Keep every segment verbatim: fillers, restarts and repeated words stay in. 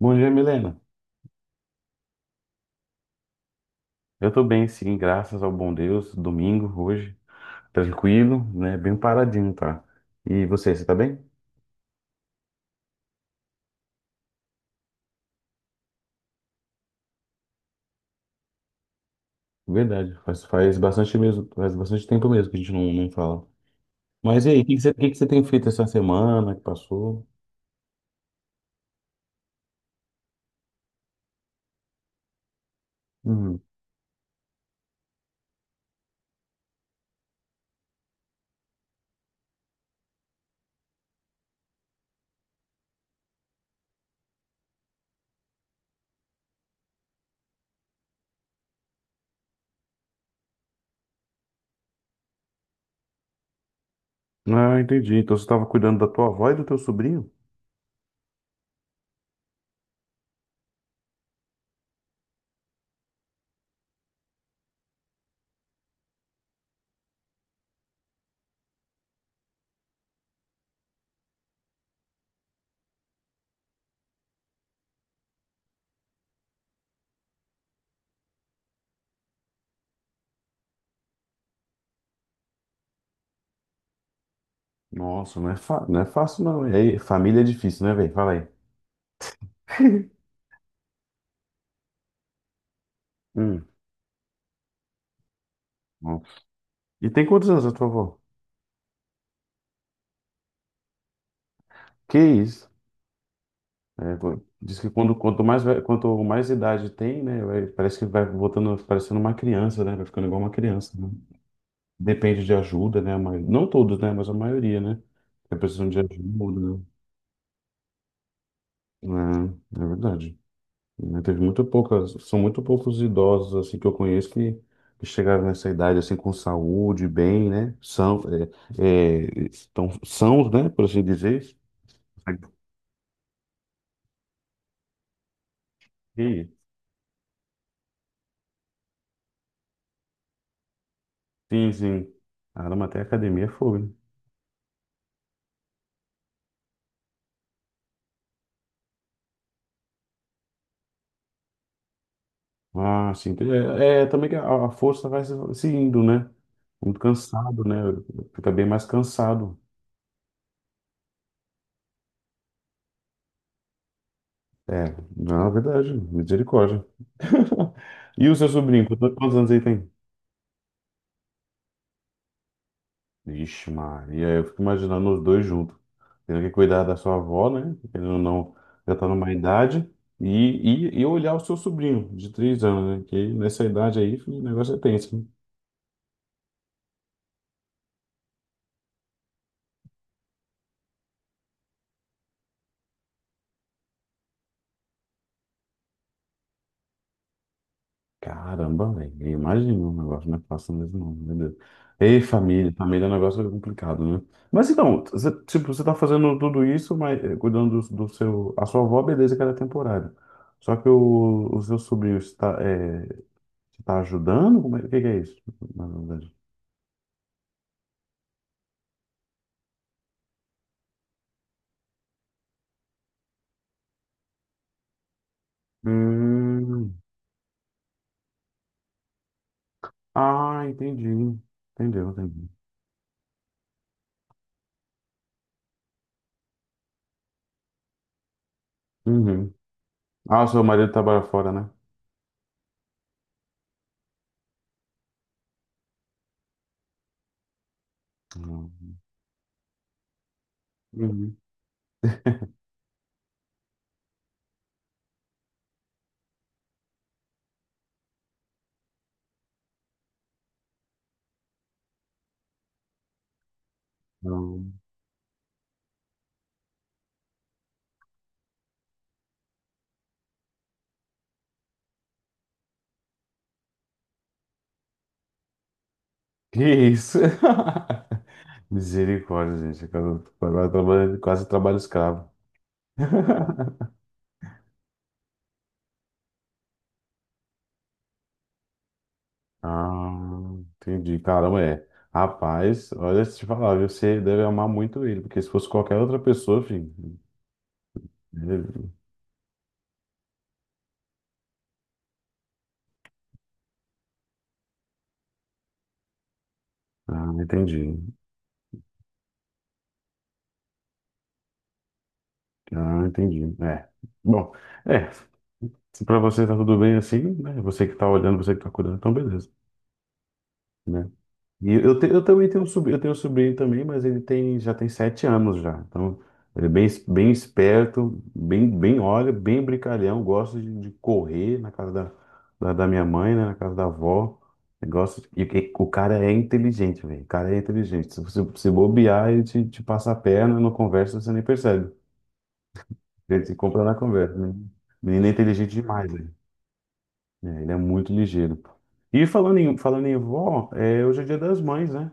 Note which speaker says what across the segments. Speaker 1: Bom dia, Milena. Eu tô bem, sim, graças ao bom Deus. Domingo, hoje, tranquilo, né? Bem paradinho, tá? E você, você tá bem? Verdade, faz, faz bastante mesmo, faz bastante tempo mesmo que a gente não, não fala. Mas e aí, o que que você, o que que você tem feito essa semana que passou? Uhum. Ah, entendi. Então você estava cuidando da tua avó e do teu sobrinho? Nossa, não é, fa- não é fácil, não. E aí, família é difícil, né, velho? Fala aí. Hum. Nossa. E tem quantos anos a tua avó? Que isso? É, qu- diz que quando, quanto mais, ve- quanto mais idade tem, né, vai- parece que vai voltando, parecendo uma criança, né, vai ficando igual uma criança, né? Depende de ajuda, né, mas, não todos, né, mas a maioria, né, que precisam de ajuda, né, é, é verdade. Né, teve muito poucas, são muito poucos idosos, assim, que eu conheço que, que chegaram nessa idade, assim, com saúde, bem, né, são, é, é, estão sãos, né, por assim dizer. E, sim, sim, caramba, até a academia é fogo, né? Ah, sim, entendi. É, é também que a, a força vai se, se indo, né? Muito cansado, né? Fica bem mais cansado. É, na verdade, misericórdia. E o seu sobrinho, quantos quantos anos ele tem? Ixi, Maria, eu fico imaginando os dois juntos. Tendo que cuidar da sua avó, né? Querendo ou não, já tá numa idade. E, e, e olhar o seu sobrinho de três anos, né? Que nessa idade aí, filho, o negócio é tenso, né? Caramba, velho. Eu imagino, um negócio não é fácil mesmo, não, meu Deus. Ei, família, família é um negócio complicado, né? Mas então, você, tipo, você tá fazendo tudo isso, mas eh, cuidando do, do seu. A sua avó, beleza, que ela é temporária. Só que o, o seu sobrinho está, é, te tá ajudando? Como é, o que que é isso, na verdade? Hum, ah, entendi. Entendeu, entendi. Uhum. Ah, o seu marido trabalha fora, né? Uhum. Uhum. Não. Que isso? Misericórdia, gente. Agora agora trabalha- quase trabalho escravo. Ah, entendi. Caramba, é. Rapaz, olha, se te falar, viu, você deve amar muito ele, porque se fosse qualquer outra pessoa, filho. ele- Ah, entendi. Ah, entendi. É. Bom, é. Se pra você tá tudo bem assim, né? Você que tá olhando, você que tá cuidando, então beleza. Né. E eu, te- eu também tenho um sobrinho, eu tenho um sobrinho também, mas ele tem, já tem sete anos já. Então, ele é bem, es- bem esperto, bem, bem olha, bem brincalhão, gosta de, de correr na casa da, da, da minha mãe, né, na casa da avó. Ele Gosta de- e, e o cara é inteligente, velho. O cara é inteligente. Se você se bobear, ele te, te passa a perna, não conversa, você nem percebe. Ele se compra na conversa. Né? O menino é inteligente demais, velho. É, ele é muito ligeiro. E falando em, falando em vó é, hoje é Dia das Mães, né?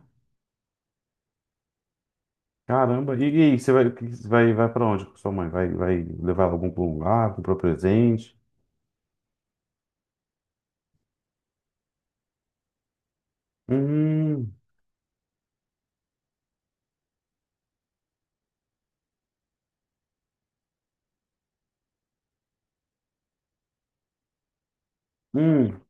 Speaker 1: Caramba, e, e aí, você vai, que- vai, vai para onde com sua mãe? Vai, vai levar ela algum pra um lugar, comprar presente? Hum, hum.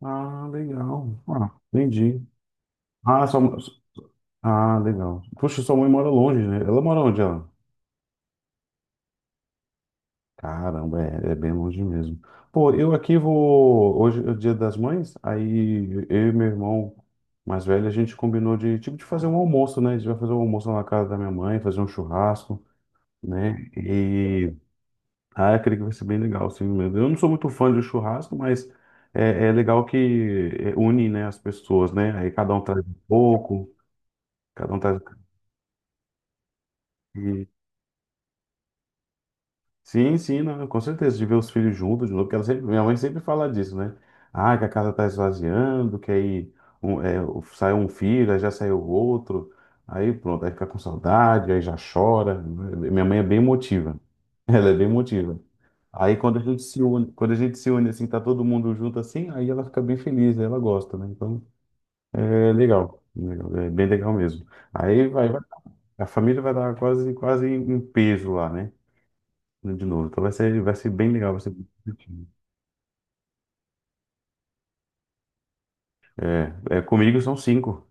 Speaker 1: Ah, legal. Ah, entendi. Ah, sua, mãe- ah, legal. Poxa, sua mãe mora longe, né? Ela mora onde, ela? Caramba, é, é bem longe mesmo. Pô, eu aqui vou. Hoje é o Dia das Mães, aí eu e meu irmão mais velho, a gente combinou de, tipo, de fazer um almoço, né? A gente vai fazer um almoço lá na casa da minha mãe, fazer um churrasco, né? E Ah, eu creio que vai ser bem legal, sim mesmo. Eu não sou muito fã de churrasco, mas é, é legal que é, une, né, as pessoas, né? Aí cada um traz um pouco, cada um traz. Sim, sim, não, com certeza, de ver os filhos juntos de novo, porque ela sempre, minha mãe sempre fala disso, né? Ah, que a casa tá esvaziando, que aí um, é, o- saiu um filho, aí já saiu outro, aí pronto, aí fica com saudade, aí já chora. Minha mãe é bem emotiva, ela é bem emotiva. Aí quando a gente se une, quando a gente se une assim, tá todo mundo junto assim, aí ela fica bem feliz, ela gosta, né? Então é legal, legal, é bem legal mesmo. Aí vai, vai- a família vai dar quase, quase em peso lá, né? Né, de novo. Então vai ser, vai ser bem legal, vai ser bem divertido. É, é, comigo são cinco.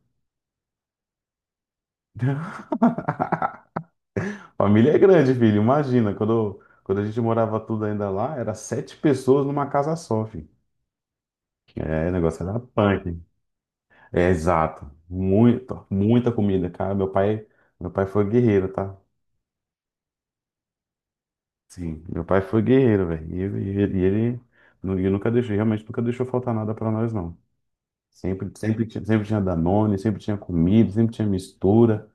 Speaker 1: Família é grande, filho. Imagina, quando, quando a gente morava tudo ainda lá, era sete pessoas numa casa só, filho. É, o negócio era punk. É, exato. Muita, muita comida, cara. Meu pai, meu pai foi guerreiro, tá? Sim, meu pai foi guerreiro, velho. E, ele, e ele- e ele nu- e nunca deixou, realmente nunca deixou faltar nada pra nós, não. Sempre, sempre, tinha- sempre tinha Danone, sempre tinha comida, sempre tinha mistura.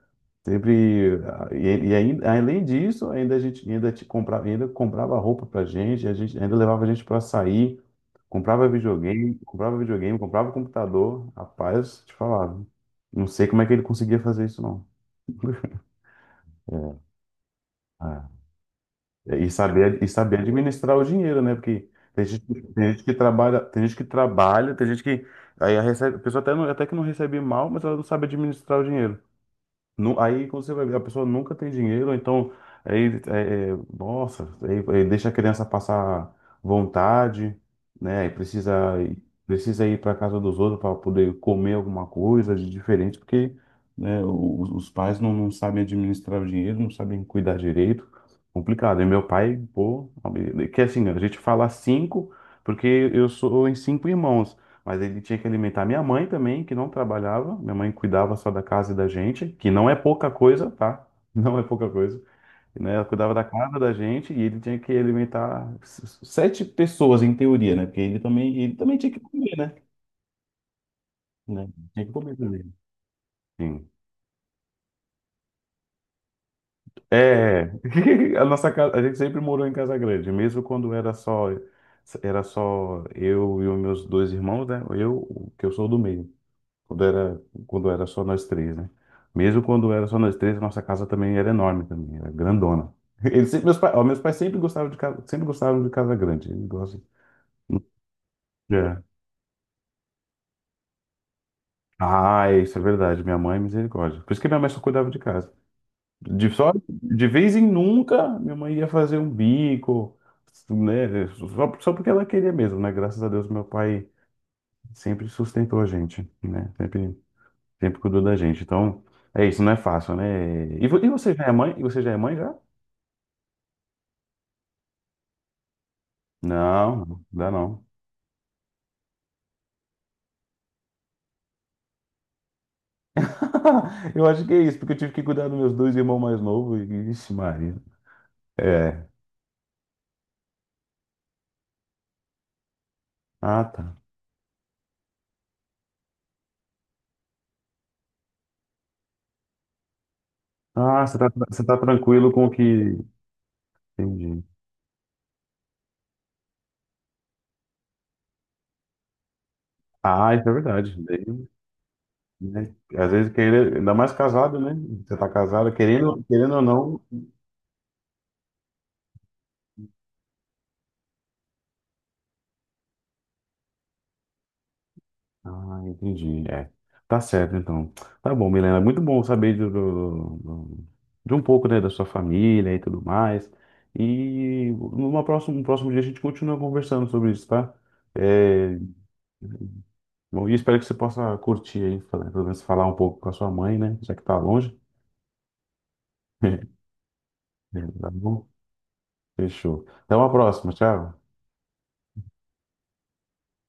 Speaker 1: Sempre, ah, e, e ainda, além disso, ainda a gente ainda te comprava, ainda comprava roupa pra gente, a gente ainda levava a gente pra sair, comprava videogame, comprava videogame, comprava computador. Rapaz, te falava. Não sei como é que ele conseguia fazer isso, não. Ah, E saber, e saber administrar o dinheiro, né? Porque tem gente, que- tem gente que trabalha, tem gente que trabalha, tem gente que aí a recebe, a pessoa até, não- até que não recebe mal, mas ela não sabe administrar o dinheiro. Nu- Aí quando você vai ver, a pessoa nunca tem dinheiro, então aí é, é, nossa, aí, é, deixa a criança passar vontade, né? E precisa precisa ir para casa dos outros para poder comer alguma coisa de diferente, porque né, os, os pais não, não sabem administrar o dinheiro, não sabem cuidar direito, complicado. E meu pai, pô, que assim, a gente fala cinco, porque eu sou em cinco irmãos. Mas ele tinha que alimentar minha mãe também, que não trabalhava. Minha mãe cuidava só da casa e da gente, que não é pouca coisa, tá? Não é pouca coisa. Né? Ela cuidava da casa da gente e ele tinha que alimentar s- sete pessoas, em teoria, né? Porque ele também, ele também tinha que comer, né? Né? Tinha que comer também. Sim. É, a nossa casa, a gente sempre morou em casa grande, mesmo quando era só era só eu e os meus dois irmãos, né? Eu, que eu sou do meio. Quando era, quando era só nós três, né? Mesmo quando era só nós três, nossa casa também era enorme também, era grandona. Eles, sempre- meus, pais, ó, Meus pais sempre gostavam de casa, sempre gostavam de casa grande. Eles gostam. É. Ah, é, isso é verdade. Minha mãe, é misericórdia. Por isso que minha mãe só cuidava de casa. De, só, de vez em nunca, minha mãe ia fazer um bico, né? Só, só porque ela queria mesmo, né? Graças a Deus, meu pai sempre sustentou a gente, né? Sempre Sempre cuidou da gente. Então, é isso, não é fácil, né? E, vo- e você já é mãe? E você já é mãe já? Não, não dá não. Eu acho que é isso, porque eu tive que cuidar dos meus dois irmãos mais novos. e- Ixi, Maria. É. Ah, tá. Ah, você tá, você tá tranquilo com o que. Entendi. Ah, isso é verdade. Daí, né? Às vezes, querer, ainda mais casado, né? Você tá casado, querendo, querendo ou não, ah, entendi. É. Tá certo, então. Tá bom, Milena. Muito bom saber do, do- do- de um pouco, né, da sua família e tudo mais. E numa próxima, no próximo dia a gente continua conversando sobre isso, tá? É, bom, e espero que você possa curtir aí, falar- pelo menos falar um pouco com a sua mãe, né? Já que tá longe. Tá bom? Fechou. Até uma próxima. Tchau.